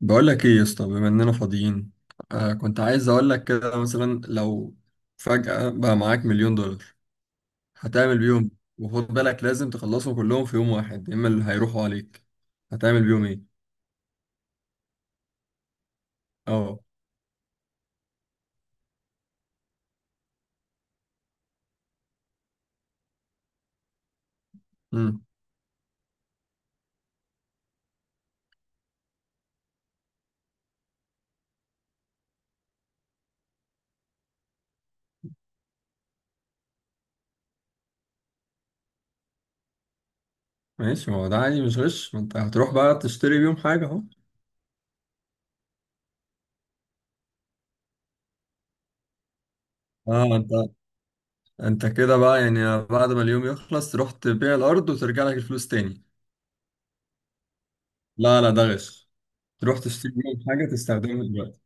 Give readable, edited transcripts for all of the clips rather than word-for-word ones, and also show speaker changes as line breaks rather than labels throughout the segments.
بقول لك ايه يا اسطى، بما اننا فاضيين. كنت عايز اقول لك كده، مثلا لو فجأة بقى معاك مليون دولار، هتعمل بيهم؟ وخد بالك، لازم تخلصهم كلهم في يوم واحد، يا اما اللي هيروحوا عليك. هتعمل بيهم ايه؟ اه. امم. ماشي، ما هو ده عادي مش غش، ما انت هتروح بقى تشتري بيهم حاجة اهو. اه، انت كده بقى يعني، بعد ما اليوم يخلص تروح تبيع الارض وترجع لك الفلوس تاني؟ لا لا، ده غش. تروح تشتري بيهم حاجة تستخدمها دلوقتي.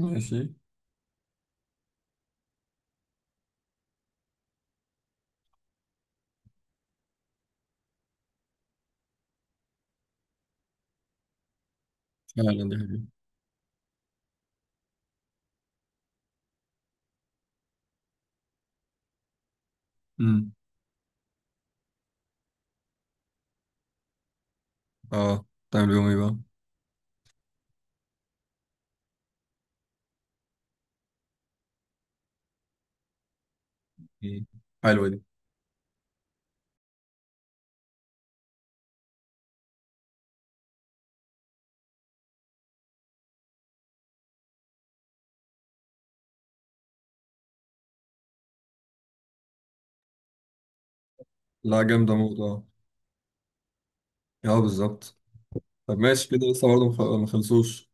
ماشي. فعلا دي حاجة. اه، تعمل بيهم ايه بقى؟ مم. حلوة دي. لا جامدة موت، اه. اه، بالظبط. طب ماشي، كده لسه برضه ما خلصوش.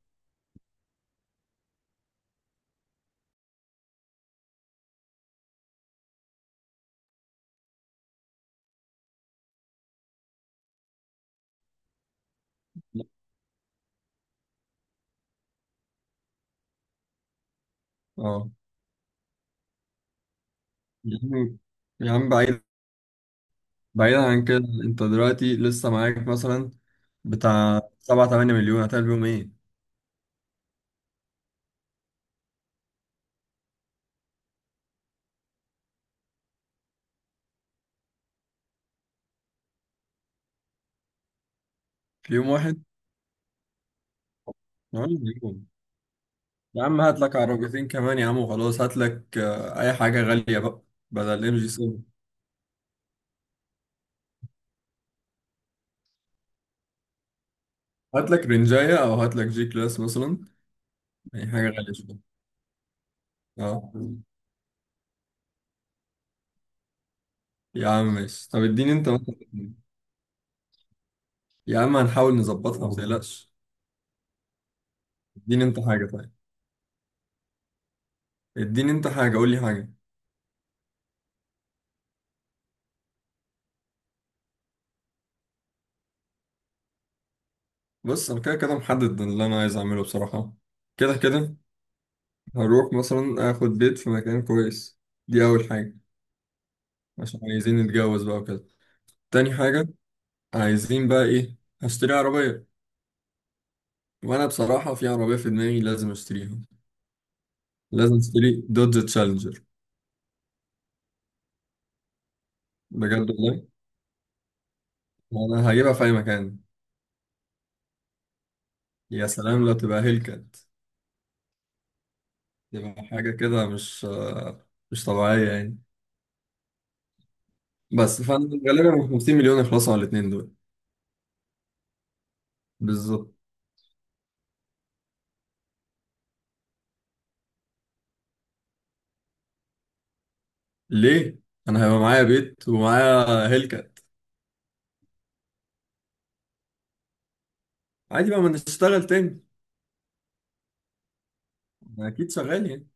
اه. يا عم. يا عم بعيد. بعيدا عن كده. انت دلوقتي لسه معاك مثلا بتاع 7 8 مليون، هتعمل بيهم ايه؟ في يوم واحد؟ يا عم. يوم. يا عم هات لك عربيتين كمان يا عم وخلاص، هات لك اي حاجة غالية بقى، بدل ام جي 7. هات لك رنجاية او هات لك جي كلاس مثلا. اي حاجة غالية شوية. اه. يا عم ماشي، طب اديني انت مثلا. يا عم هنحاول نظبطها، ما والله تقلقش. اديني انت حاجة طيب. اديني انت حاجة، قول لي حاجة. بص انا كده كده محدد اللي انا عايز اعمله بصراحة. كده كده هروح مثلا اخد بيت في مكان كويس. دي اول حاجة، عشان عايزين نتجوز بقى وكده. تاني حاجة، عايزين بقى ايه، هشتري عربية. وانا بصراحة في عربية في دماغي لازم اشتريها. لازم اشتري دوج تشالنجر. بجد، والله انا هجيبها في اي مكان. يا سلام لو تبقى هيلكات. تبقى حاجة كده مش طبيعية يعني. بس فانا غالبا 50 مليون يخلصوا على الاثنين دول. بالظبط. ليه؟ انا هيبقى معايا بيت ومعايا هيلكات. عادي بقى، ما نشتغل تاني. أنا اكيد شغال يعني.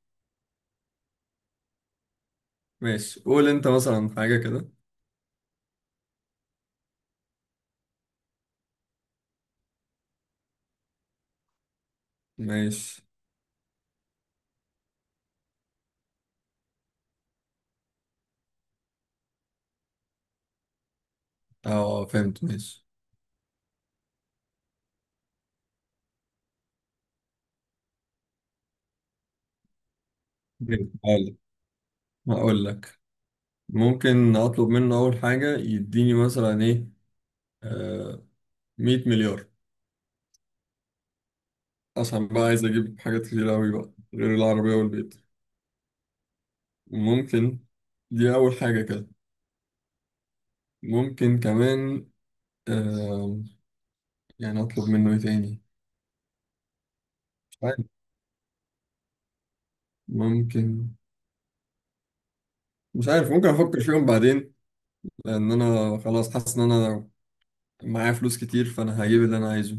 ماشي قول انت مثلا حاجه كده. ماشي. اه فهمت، ماشي. جميل. هقول لك ممكن اطلب منه اول حاجه يديني مثلا ايه. آه 100 مليار، عشان بقى عايز اجيب حاجات كتير قوي بقى غير العربيه والبيت. ممكن. دي اول حاجه كده. ممكن كمان، آه، يعني اطلب منه ايه تاني؟ مش عارف ممكن مش عارف، ممكن افكر فيهم بعدين. لان انا خلاص حاسس ان انا معايا فلوس كتير، فانا هجيب اللي انا عايزه.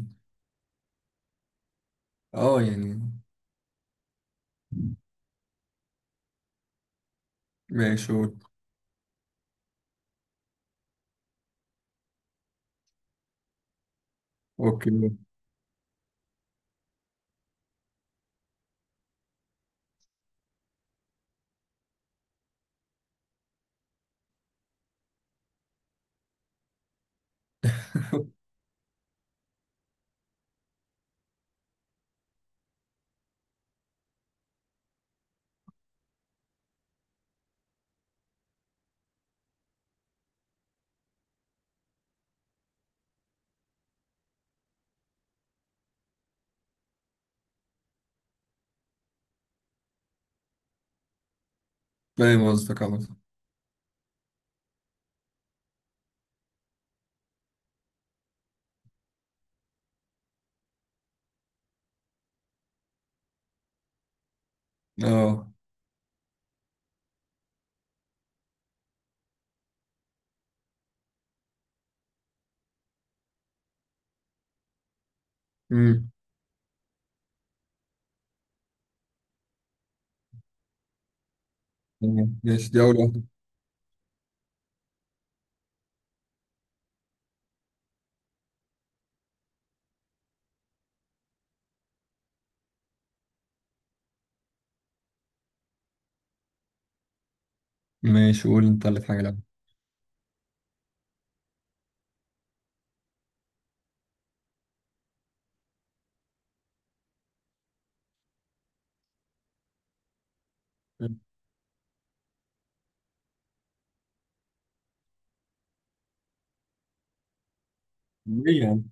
اه يعني. ماشي اوكي. فاهم قصدك عمد. اه. امم تمام. ماشي دي اول واحدة. ماشي قول انت اللي في حاجة لعبة. ليه يعني؟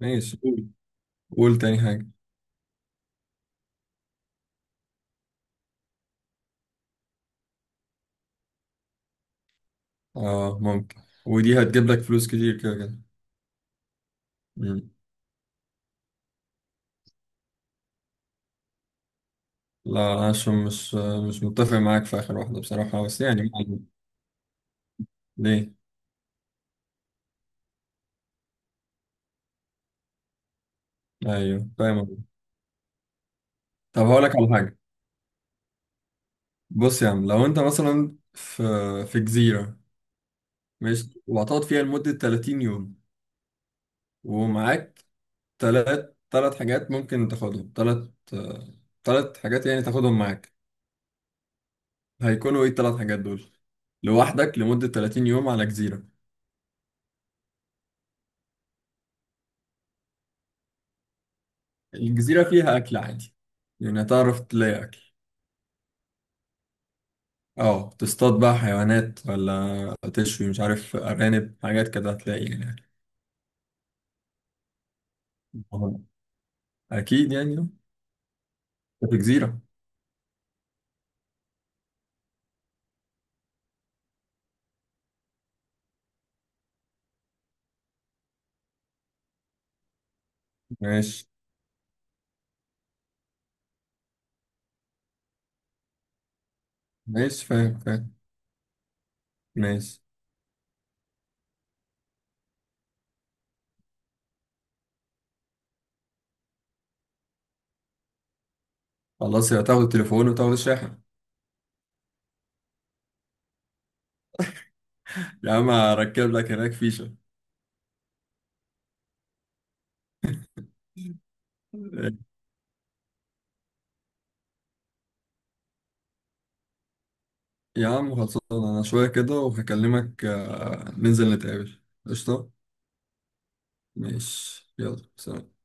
ماشي قول تاني حاجة. اه ممكن. ودي هتجيب لك فلوس كتير كده كده. مم. لا عشان مش متفق معاك في آخر واحدة بصراحة، بس يعني معلم. ليه؟ ايوه، فاهم قصدك. طب هقول لك على حاجه. بص يا عم، لو انت مثلا في جزيره، ماشي، وهتقعد فيها لمده 30 يوم. ومعاك ثلاث حاجات ممكن تاخدهم، ثلاث حاجات يعني تاخدهم معاك. هيكونوا ايه الثلاث حاجات دول؟ لوحدك لمده 30 يوم على جزيره. الجزيره فيها اكل عادي، يعني هتعرف تلاقي اكل. اه تصطاد بقى حيوانات، ولا تشوي، مش عارف، ارانب، حاجات كده هتلاقي يعني. أكيد يعني. في جزيرة. ماشي. ماشي فاهم فاهم. ماشي. خلاص، يا تاخد التليفون وتاخد الشاحن. يا عم هركب لك هناك فيشة. يا عم خلصان، انا شوية كده وهكلمك. ننزل نتقابل قشطة. ماشي. يلا سلام.